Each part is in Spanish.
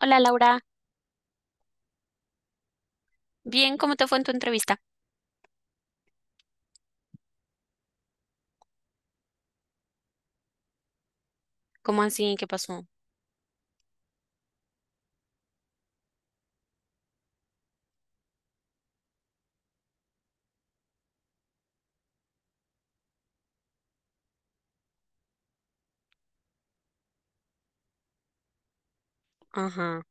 Hola Laura, bien, ¿cómo te fue en tu entrevista? ¿Cómo así? ¿Qué pasó? Ajá.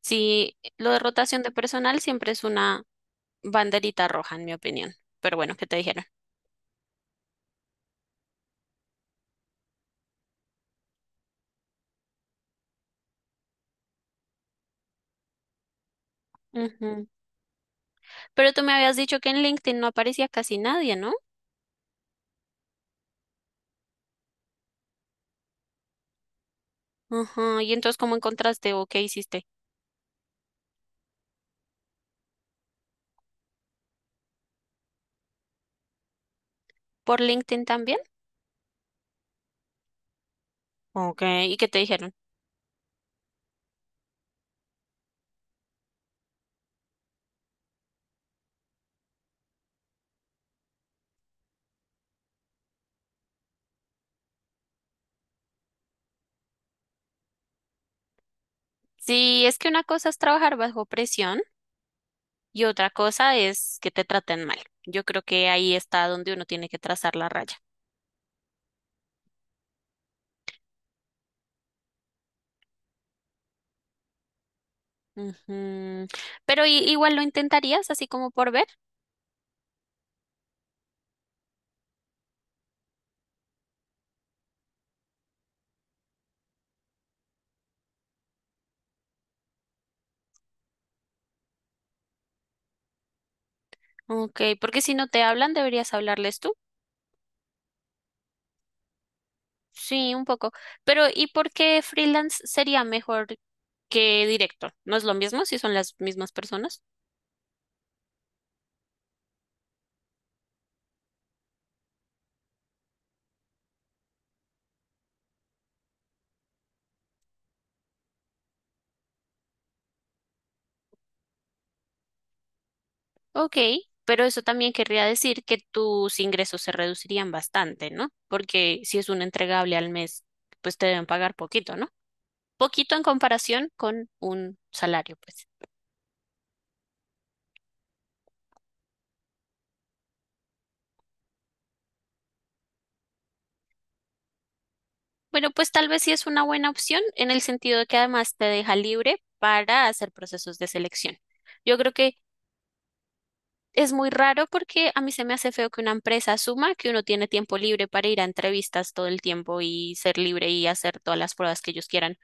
Sí, lo de rotación de personal siempre es una banderita roja, en mi opinión. Pero bueno, ¿qué te dijeron? Ujú. Pero tú me habías dicho que en LinkedIn no aparecía casi nadie, ¿no? Ajá. ¿Y entonces cómo encontraste o qué hiciste? ¿Por LinkedIn también? Ok, ¿y qué te dijeron? Sí, es que una cosa es trabajar bajo presión y otra cosa es que te traten mal. Yo creo que ahí está donde uno tiene que trazar la raya. Ujú. Pero igual lo intentarías así como por ver. Ok, porque si no te hablan, deberías hablarles tú. Sí, un poco. Pero ¿y por qué freelance sería mejor que directo? ¿No es lo mismo si son las mismas personas? Ok, pero eso también querría decir que tus ingresos se reducirían bastante, ¿no? Porque si es un entregable al mes, pues te deben pagar poquito, ¿no? Poquito en comparación con un salario, pues. Bueno, pues tal vez sí es una buena opción en el sentido de que además te deja libre para hacer procesos de selección. Yo creo que es muy raro porque a mí se me hace feo que una empresa asuma que uno tiene tiempo libre para ir a entrevistas todo el tiempo y ser libre y hacer todas las pruebas que ellos quieran,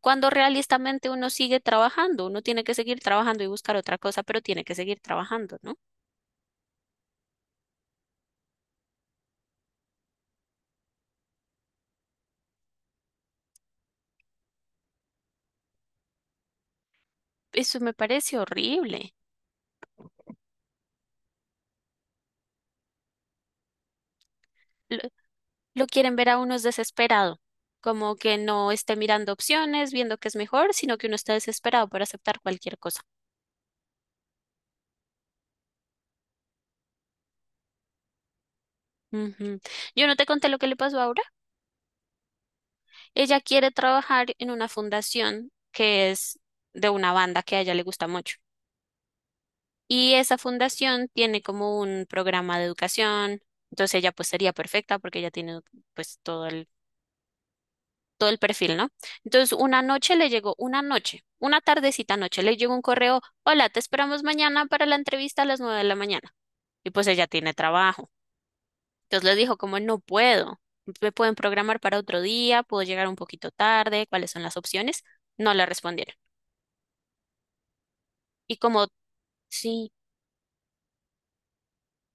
cuando realistamente uno sigue trabajando, uno tiene que seguir trabajando y buscar otra cosa, pero tiene que seguir trabajando, ¿no? Eso me parece horrible. Lo quieren ver a uno es desesperado, como que no esté mirando opciones, viendo qué es mejor, sino que uno está desesperado por aceptar cualquier cosa. Ujú. Yo no te conté lo que le pasó ahora. Ella quiere trabajar en una fundación que es de una banda que a ella le gusta mucho. Y esa fundación tiene como un programa de educación. Entonces ella pues sería perfecta porque ella tiene pues todo el perfil, ¿no? Entonces, una noche le llegó, una noche, una tardecita noche, le llegó un correo, hola, te esperamos mañana para la entrevista a las 9 de la mañana. Y pues ella tiene trabajo. Entonces le dijo, como no puedo, me pueden programar para otro día, puedo llegar un poquito tarde, ¿cuáles son las opciones? No le respondieron. Y como, sí,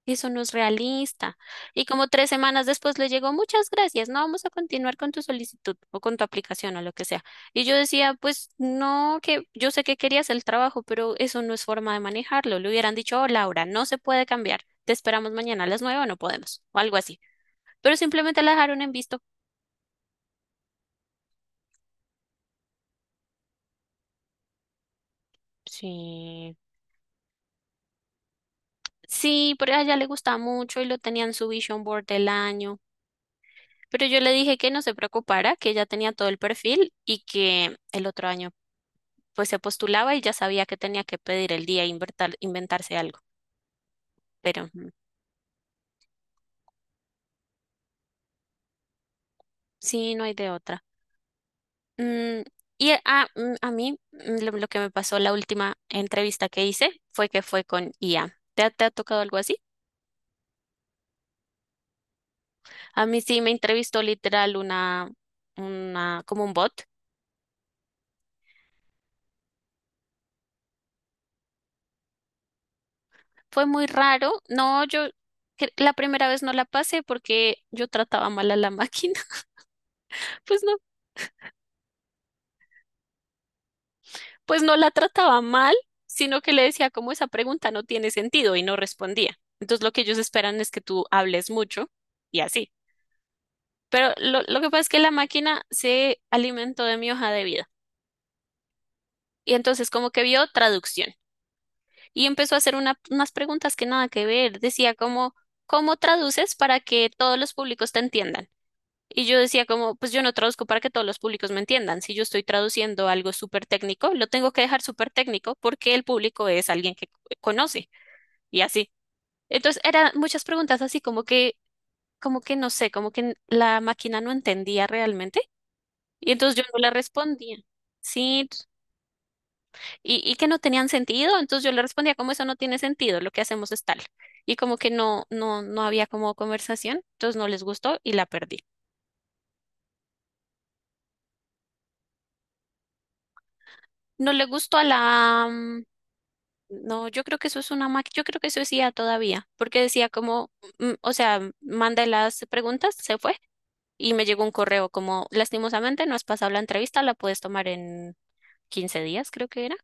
eso no es realista. Y como tres semanas después le llegó, muchas gracias, no vamos a continuar con tu solicitud o con tu aplicación o lo que sea. Y yo decía, pues no, que yo sé que querías el trabajo, pero eso no es forma de manejarlo. Le hubieran dicho, oh, Laura, no se puede cambiar, te esperamos mañana a las 9 o no podemos, o algo así. Pero simplemente la dejaron en visto. Sí. Sí, pero a ella le gustaba mucho y lo tenían en su vision board del año. Pero yo le dije que no se preocupara, que ella tenía todo el perfil y que el otro año pues se postulaba y ya sabía que tenía que pedir el día e inventar, inventarse algo, pero ujú, sí, no hay de otra. Mm, y a mí lo que me pasó la última entrevista que hice fue que fue con IA. ¿Te, te ha tocado algo así? A mí sí me entrevistó literal una, como un bot. Fue muy raro. No, yo la primera vez no la pasé porque yo trataba mal a la máquina. Pues no pues no la trataba mal, sino que le decía como esa pregunta no tiene sentido y no respondía. Entonces lo que ellos esperan es que tú hables mucho y así. Pero lo que pasa es que la máquina se alimentó de mi hoja de vida y entonces como que vio traducción y empezó a hacer unas preguntas que nada que ver. Decía como, ¿cómo traduces para que todos los públicos te entiendan? Y yo decía como, pues yo no traduzco para que todos los públicos me entiendan. Si yo estoy traduciendo algo súper técnico, lo tengo que dejar súper técnico porque el público es alguien que conoce. Y así. Entonces eran muchas preguntas así como que no sé, como que la máquina no entendía realmente y entonces yo no le respondía. Sí, y que no tenían sentido, entonces yo le respondía como eso no tiene sentido, lo que hacemos es tal. Y como que no había como conversación, entonces no les gustó y la perdí. No le gustó a la... mm, no, yo creo que eso es una máquina, yo creo que eso decía todavía, porque decía como, mm, o sea, manda las preguntas, se fue y me llegó un correo como, lastimosamente no has pasado la entrevista, la puedes tomar en 15 días, creo que era.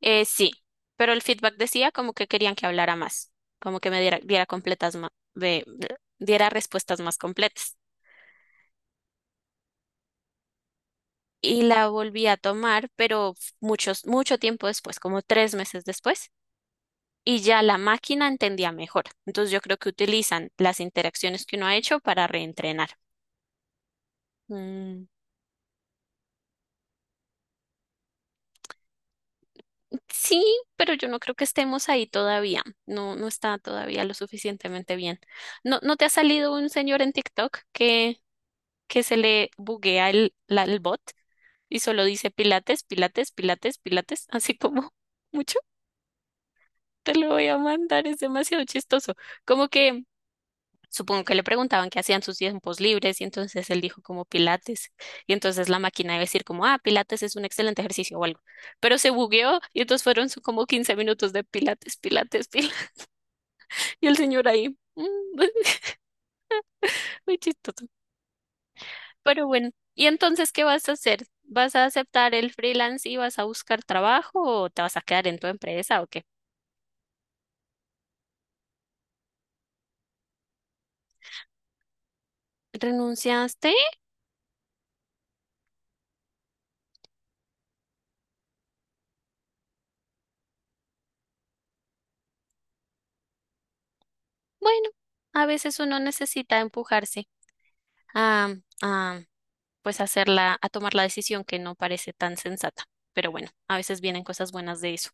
Sí, pero el feedback decía como que querían que hablara más, como que me diera, diera completas ma- de- diera respuestas más completas. Y la volví a tomar, pero mucho tiempo después, como 3 meses después, y ya la máquina entendía mejor. Entonces yo creo que utilizan las interacciones que uno ha hecho para reentrenar. Mm. Sí, pero yo no creo que estemos ahí todavía. No, no está todavía lo suficientemente bien. ¿No, no te ha salido un señor en TikTok que se le buguea el bot y solo dice pilates, pilates, pilates, pilates? Así como mucho. Te lo voy a mandar, es demasiado chistoso. Como que supongo que le preguntaban qué hacían sus tiempos libres y entonces él dijo como Pilates. Y entonces la máquina iba a decir como, ah, Pilates es un excelente ejercicio o algo. Pero se bugueó y entonces fueron como 15 minutos de Pilates, Pilates, Pilates. Y el señor ahí, mm, muy chistoso. Pero bueno, ¿y entonces qué vas a hacer? ¿Vas a aceptar el freelance y vas a buscar trabajo o te vas a quedar en tu empresa o qué? ¿Renunciaste? Bueno, a veces uno necesita empujarse a, pues hacerla, a tomar la decisión que no parece tan sensata. Pero bueno, a veces vienen cosas buenas de eso.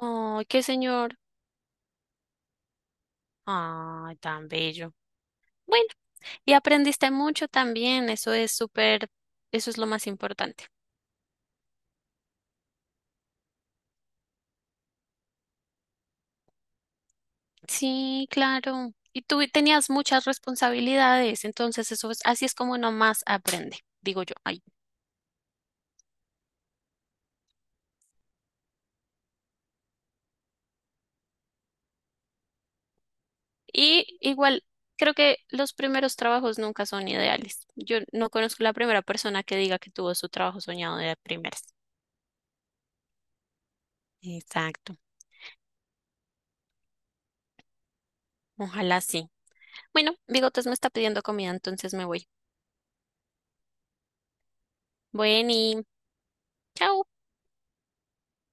Ay, qué señor. Ay, tan bello. Bueno, y aprendiste mucho también, eso es súper, eso es lo más importante. Sí, claro. Y tú tenías muchas responsabilidades, entonces eso es, así es como uno más aprende, digo yo. Ay. Y igual, creo que los primeros trabajos nunca son ideales. Yo no conozco la primera persona que diga que tuvo su trabajo soñado de primeras. Exacto. Ojalá sí. Bueno, Bigotes me está pidiendo comida, entonces me voy. Bueno, y chao.